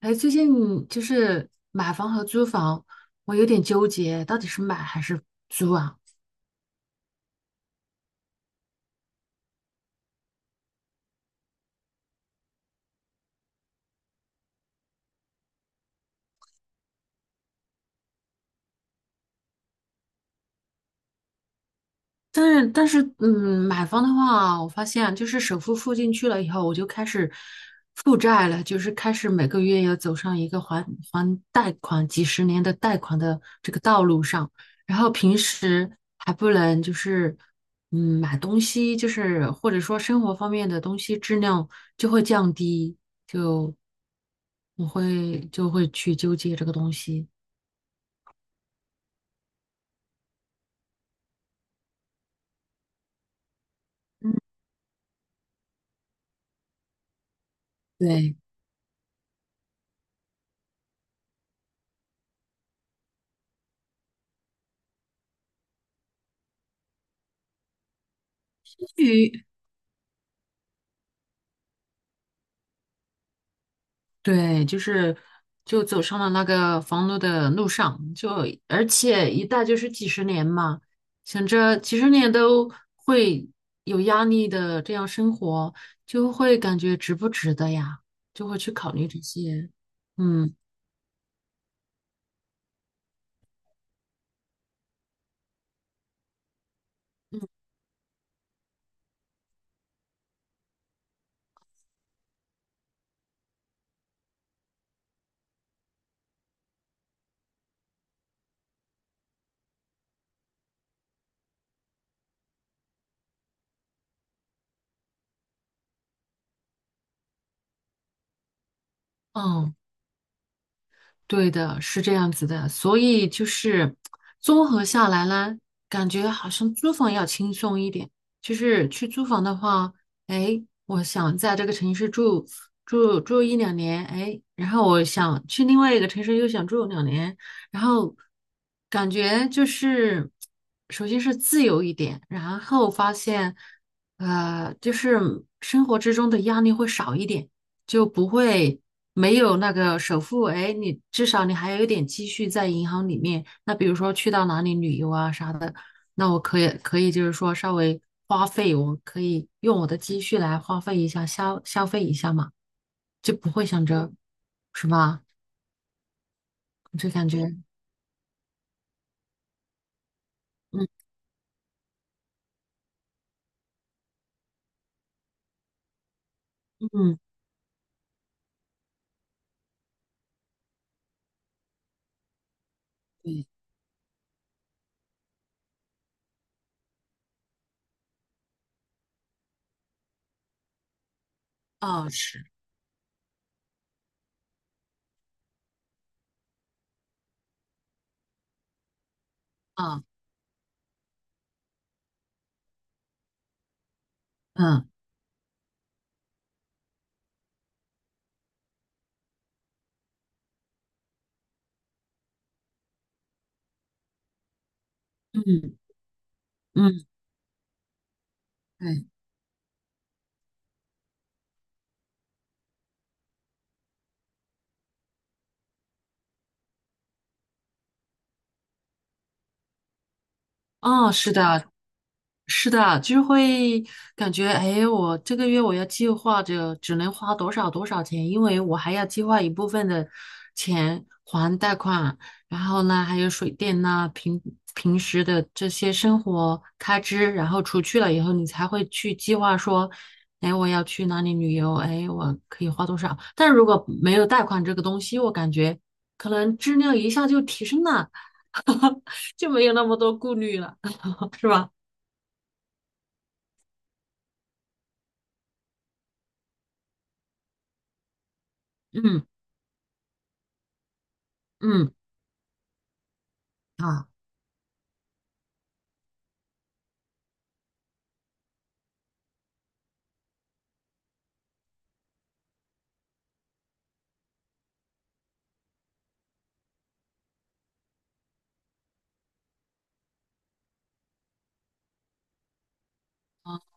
哎，最近就是买房和租房，我有点纠结，到底是买还是租啊？但是，买房的话，我发现啊就是首付付进去了以后，我就开始负债了，就是开始每个月要走上一个还贷款几十年的贷款的这个道路上，然后平时还不能就是买东西，就是或者说生活方面的东西质量就会降低，就就会去纠结这个东西。对。对，就是走上了那个房奴的路上，而且一贷就是几十年嘛，想着几十年都会有压力的这样生活，就会感觉值不值得呀，就会去考虑这些。嗯嗯，对的，是这样子的，所以就是综合下来呢，感觉好像租房要轻松一点。就是去租房的话，哎，我想在这个城市住一两年，哎，然后我想去另外一个城市又想住两年，然后感觉就是首先是自由一点，然后发现就是生活之中的压力会少一点。就不会没有那个首付，哎，你至少你还有一点积蓄在银行里面。那比如说去到哪里旅游啊啥的，那我可以就是说稍微花费，我可以用我的积蓄来花费一下，消费一下嘛，就不会想着，是吧？就感觉，嗯嗯，对，哦是，啊嗯嗯嗯，对，哦是的，是的，就是会感觉，哎，我这个月我要计划着只能花多少多少钱，因为我还要计划一部分的钱还贷款，然后呢，还有水电呐，平时的这些生活开支，然后除去了以后，你才会去计划说，哎，我要去哪里旅游，哎，我可以花多少。但如果没有贷款这个东西，我感觉可能质量一下就提升了，就没有那么多顾虑了，是吧？嗯嗯。啊。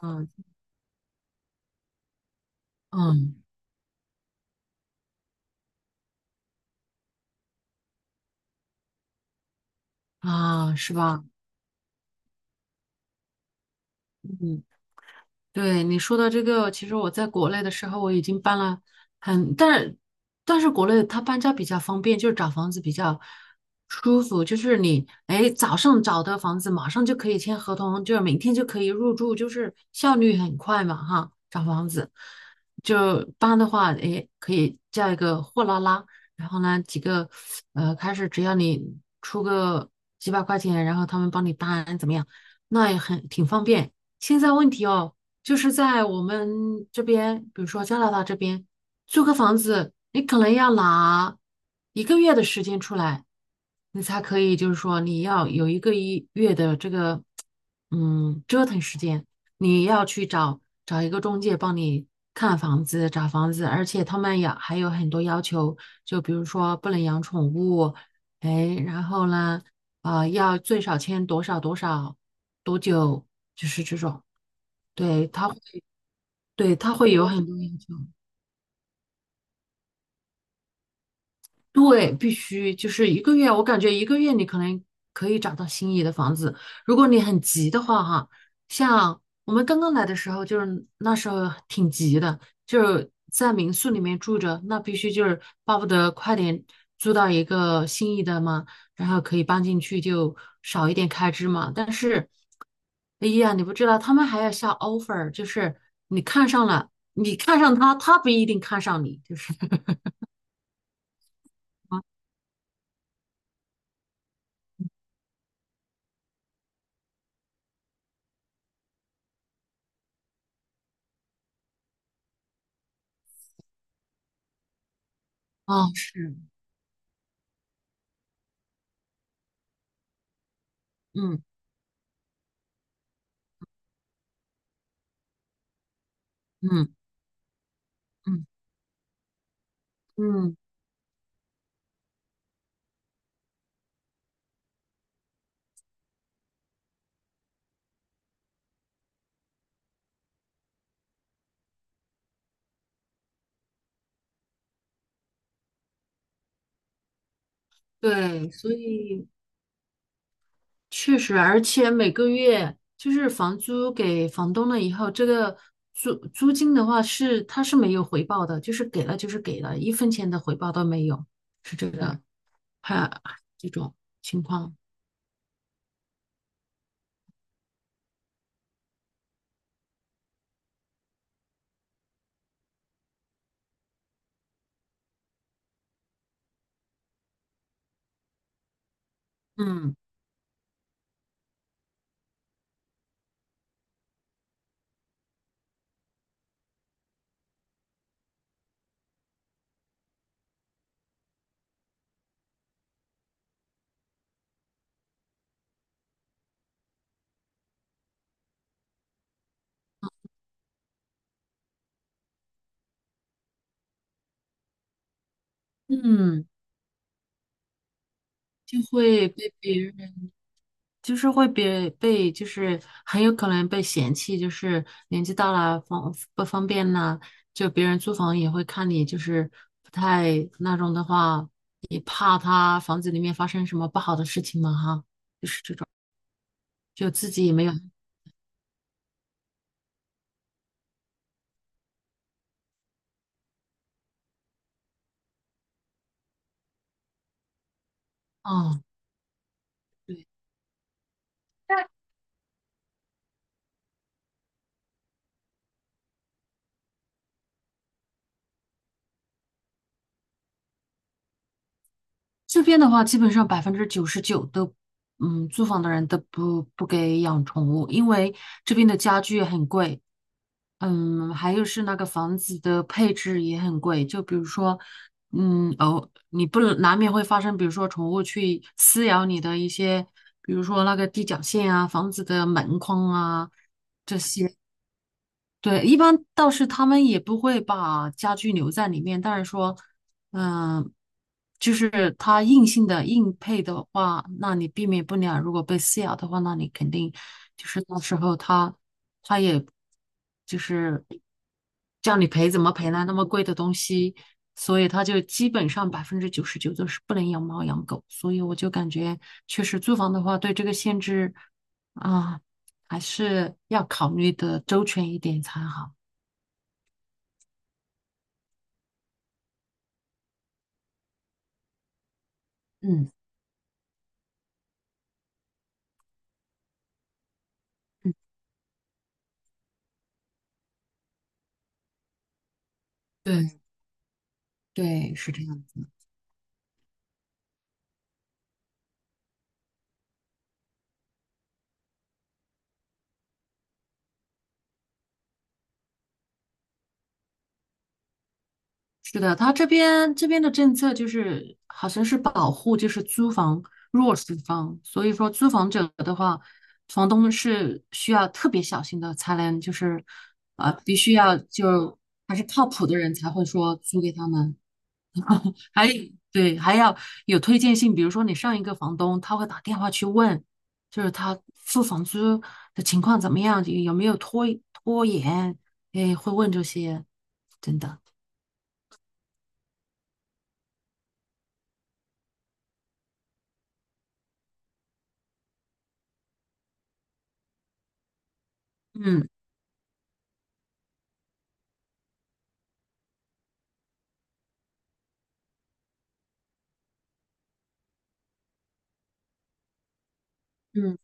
嗯嗯啊，是吧？嗯，对你说的这个，其实我在国内的时候我已经搬了很，但是但是国内它搬家比较方便，就是找房子比较舒服，就是你哎早上找的房子马上就可以签合同，就是明天就可以入住，就是效率很快嘛哈。找房子就搬的话，哎可以叫一个货拉拉，然后呢几个开始只要你出个几百块钱，然后他们帮你搬怎么样，那也很挺方便。现在问题哦。就是在我们这边，比如说加拿大这边，租个房子，你可能要拿一个月的时间出来，你才可以，就是说你要有一个一月的这个，折腾时间，你要去找一个中介帮你看房子、找房子，而且他们也还有很多要求，就比如说不能养宠物，哎，然后呢，啊、要最少签多少多久，就是这种。对，他会。对，他会有很多要求。对，必须就是一个月，我感觉一个月你可能可以找到心仪的房子。如果你很急的话，哈，像我们刚刚来的时候，就是那时候挺急的，就是在民宿里面住着，那必须就是巴不得快点租到一个心仪的嘛，然后可以搬进去就少一点开支嘛。但是，哎呀，你不知道，他们还要下 offer，就是你看上了，你看上他，他不一定看上你，就是。哦，是，嗯嗯嗯嗯，对，所以确实，而且每个月就是房租给房东了以后，这个租金的话是他是没有回报的，就是给了就是给了，一分钱的回报都没有，是这个，还这种情况。嗯嗯，就会被别人。就是会被，就是很有可能被嫌弃，就是年纪大了方不方便呐，就别人租房也会看你，就是不太那种的话，也怕他房子里面发生什么不好的事情嘛哈，就自己也没有，嗯，对，这边的话基本上百分之九十九都，租房的人都不给养宠物，因为这边的家具很贵，嗯，还有是那个房子的配置也很贵，就比如说，哦，你不能难免会发生，比如说宠物去撕咬你的一些，比如说那个地脚线啊、房子的门框啊这些，对，一般倒是他们也不会把家具留在里面，但是说，嗯、就是它硬性的硬配的话，那你避免不了。如果被撕咬的话，那你肯定就是到时候他也就是叫你赔怎么赔呢？那么贵的东西，所以他就基本上百分之九十九都是不能养猫养狗。所以我就感觉，确实租房的话，对这个限制。啊，还是要考虑的周全一点才好。嗯嗯，对对，是这样子。是的，他这边的政策就是好像是保护就是租房弱势方，所以说租房者的话，房东是需要特别小心的，才能就是啊、必须要就还是靠谱的人才会说租给他们。还对，还要有推荐信，比如说你上一个房东，他会打电话去问，就是他付房租的情况怎么样，有没有拖延，哎，会问这些，真的，嗯嗯，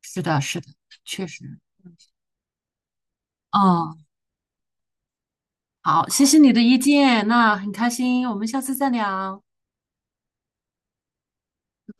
是的，是的，确实，哦，好，谢谢你的意见，那很开心，我们下次再聊。拜拜。